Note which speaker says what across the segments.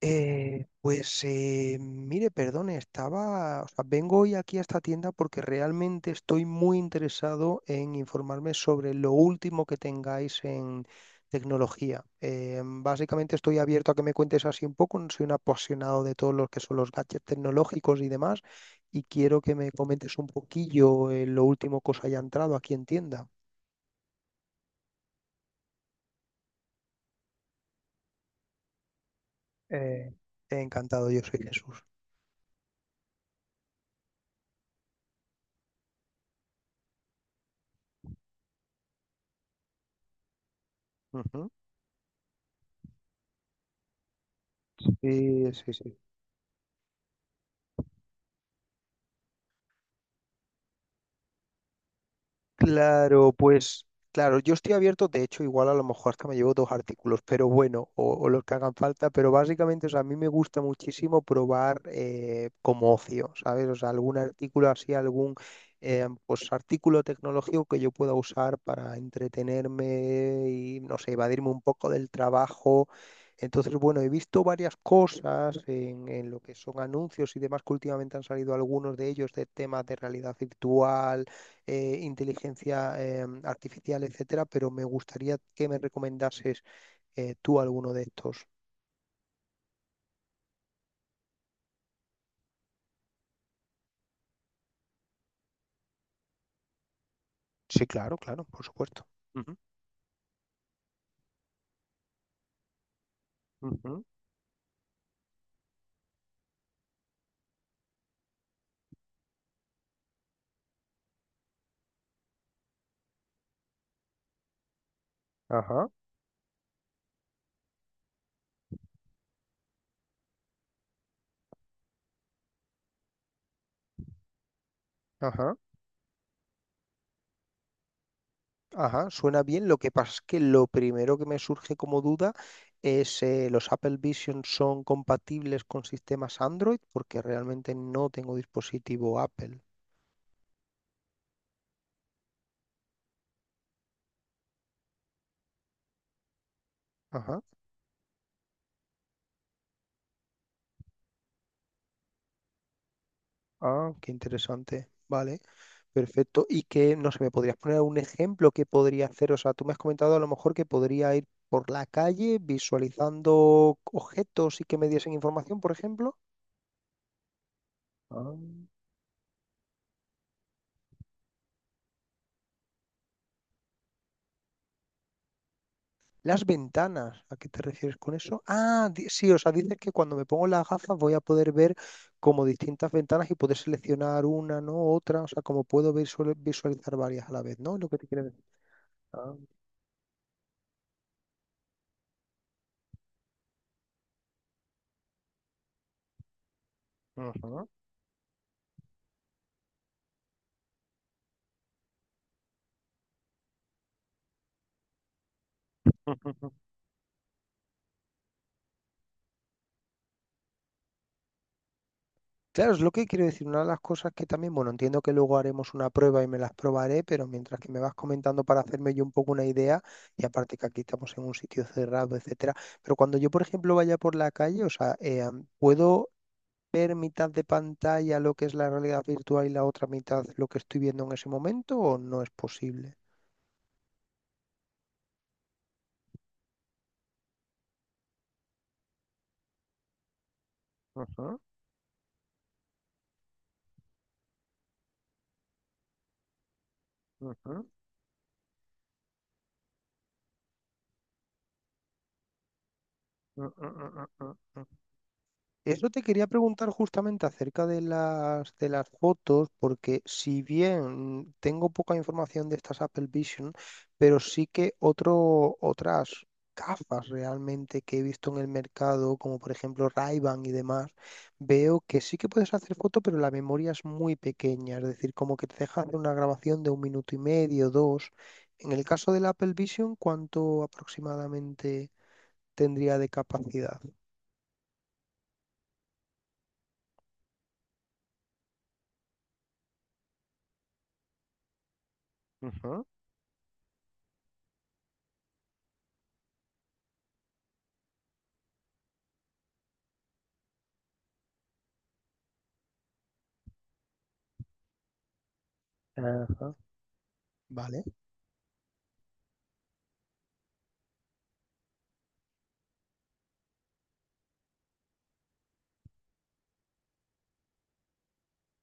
Speaker 1: Pues mire, perdone, estaba, o sea, vengo hoy aquí a esta tienda porque realmente estoy muy interesado en informarme sobre lo último que tengáis en tecnología. Básicamente estoy abierto a que me cuentes así un poco, soy un apasionado de todos los que son los gadgets tecnológicos y demás, y quiero que me comentes un poquillo lo último que os haya entrado aquí en tienda. Eh, encantado, yo soy Jesús. Ujú. Sí, sí, sí. Claro, pues claro, yo estoy abierto, de hecho, igual a lo mejor hasta me llevo dos artículos, pero bueno, o los que hagan falta, pero básicamente, o sea, a mí me gusta muchísimo probar como ocio, ¿sabes? O sea, algún artículo así, algún pues artículo tecnológico que yo pueda usar para entretenerme y, no sé, evadirme un poco del trabajo. Entonces, bueno, he visto varias cosas en lo que son anuncios y demás, que últimamente han salido algunos de ellos de temas de realidad virtual inteligencia artificial, etcétera, pero me gustaría que me recomendases tú alguno de estos. Sí, claro, claro, por supuesto. Ujú, ujú. Ajá, ajá, ajá, suena bien. Lo que pasa es que lo primero que me surge como duda es los Apple Vision son compatibles con sistemas Android, porque realmente no tengo dispositivo Apple. Ajá, ah, qué interesante. Vale. Perfecto. Y que, no sé, ¿me podrías poner un ejemplo que podría hacer? O sea, tú me has comentado a lo mejor que podría ir por la calle visualizando objetos y que me diesen información, por ejemplo. Ah, las ventanas, ¿a qué te refieres con eso? Ah, sí, o sea, dices que cuando me pongo las gafas voy a poder ver como distintas ventanas y poder seleccionar una, ¿no? Otra, o sea, como puedo visualizar varias a la vez, ¿no? Lo que te quieres decir. Ah. Ujú. Claro, es lo que quiero decir. Una de las cosas que también, bueno, entiendo que luego haremos una prueba y me las probaré, pero mientras que me vas comentando para hacerme yo un poco una idea, y aparte que aquí estamos en un sitio cerrado, etcétera, pero cuando yo, por ejemplo, vaya por la calle, o sea, ¿puedo ver mitad de pantalla lo que es la realidad virtual y la otra mitad lo que estoy viendo en ese momento o no es posible? Ujú, ujú, mm, mm, mm, mm, mm, mm. Eso te quería preguntar justamente acerca de las fotos, porque si bien tengo poca información de estas Apple Vision, pero sí que otro, otras gafas realmente que he visto en el mercado, como por ejemplo Ray-Ban y demás, veo que sí que puedes hacer fotos, pero la memoria es muy pequeña, es decir, como que te deja hacer una grabación de un minuto y medio, dos. En el caso del Apple Vision, ¿cuánto aproximadamente tendría de capacidad? Ujú. Ajá, vale.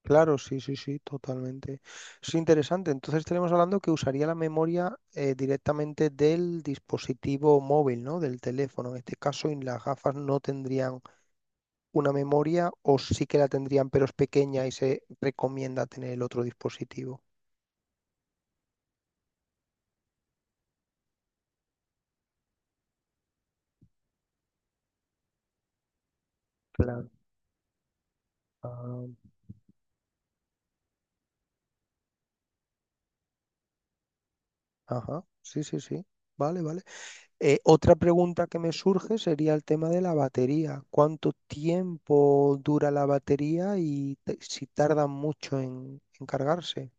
Speaker 1: Claro, sí, sí, sí, totalmente. Es interesante. Entonces estaremos hablando que usaría la memoria directamente del dispositivo móvil, ¿no? Del teléfono. En este caso, y las gafas no tendrían una memoria o sí que la tendrían, pero es pequeña y se recomienda tener el otro dispositivo. Claro. Ah. Ajá, sí, sí, sí. Vale, vale. Otra pregunta que me surge sería el tema de la batería. ¿Cuánto tiempo dura la batería y si tarda mucho en cargarse?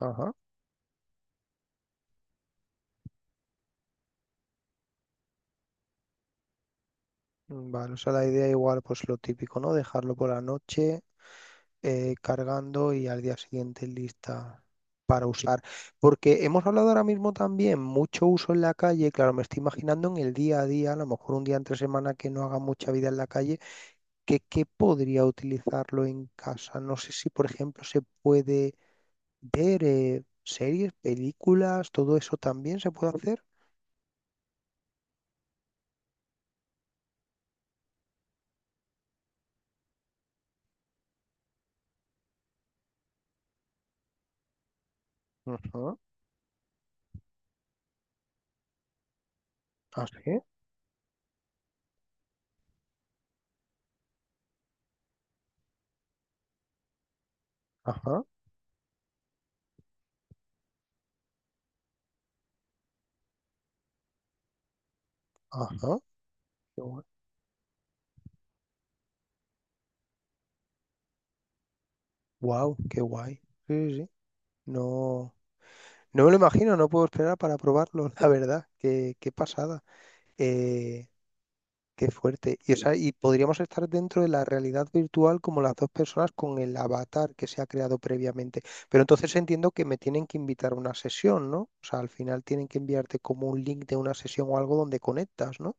Speaker 1: Ajá. Mm, vale, o sea, la idea igual, pues lo típico, ¿no? Dejarlo por la noche cargando y al día siguiente lista para usar. Porque hemos hablado ahora mismo también mucho uso en la calle, claro, me estoy imaginando en el día a día, a lo mejor un día entre semana que no haga mucha vida en la calle, que podría utilizarlo en casa. No sé si, por ejemplo, se puede ver series, películas, todo eso también se puede hacer. Ajá. Así, ajá, ajá. Qué bueno. Wow, qué guay. Sí, sí, sí. No, no me lo imagino, no puedo esperar para probarlo, la verdad. Qué pasada. Eh, qué fuerte. Y, o sea, y podríamos estar dentro de la realidad virtual como las dos personas con el avatar que se ha creado previamente. Pero entonces entiendo que me tienen que invitar a una sesión, ¿no? O sea, al final tienen que enviarte como un link de una sesión o algo donde conectas, ¿no?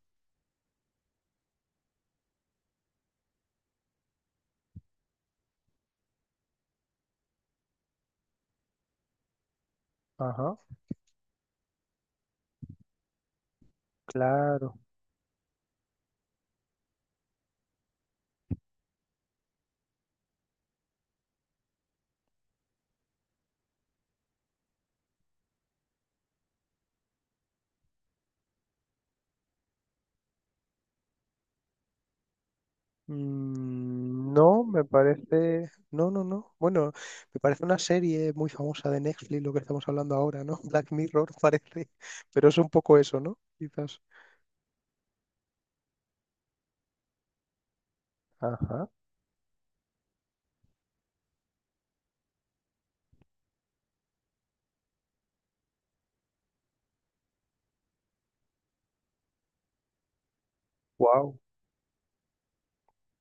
Speaker 1: Ajá, claro. Mm, no, me parece. No, no, no. Bueno, me parece una serie muy famosa de Netflix, lo que estamos hablando ahora, ¿no? Black Mirror parece, pero es un poco eso, ¿no? Quizás. Ajá, wow.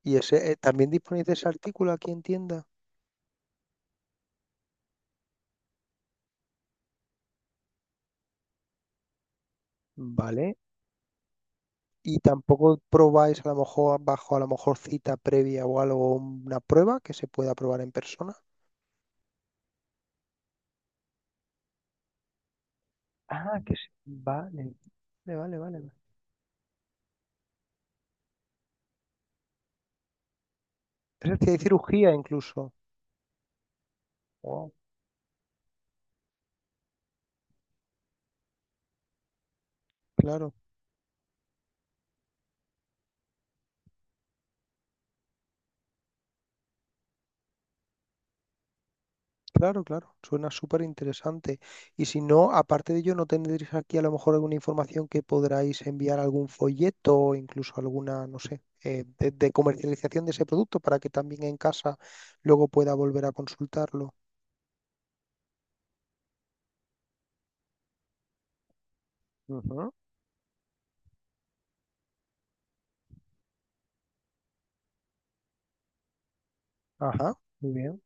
Speaker 1: Y ese, también disponéis de ese artículo aquí en tienda. Vale. Y tampoco probáis a lo mejor bajo a lo mejor cita previa o algo, una prueba que se pueda probar en persona. Ah, que sí, vale, vale, vale, vale. Es decir, hay cirugía incluso. Wow. Claro. Claro, claro, suena súper interesante. Y si no, aparte de ello, ¿no tendréis aquí a lo mejor alguna información que podráis enviar algún folleto o incluso alguna, no sé, de comercialización de ese producto para que también en casa luego pueda volver a consultarlo? Ujú. Ajá. Muy bien.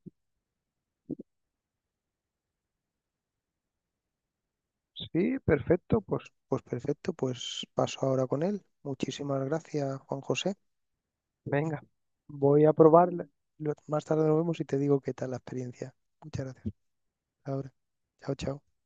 Speaker 1: Sí, perfecto. Pues pues perfecto, pues paso ahora con él. Muchísimas gracias, Juan José. Venga, voy a probarle. Más tarde nos vemos y te digo qué tal la experiencia. Muchas gracias. Ahora, chao, chao.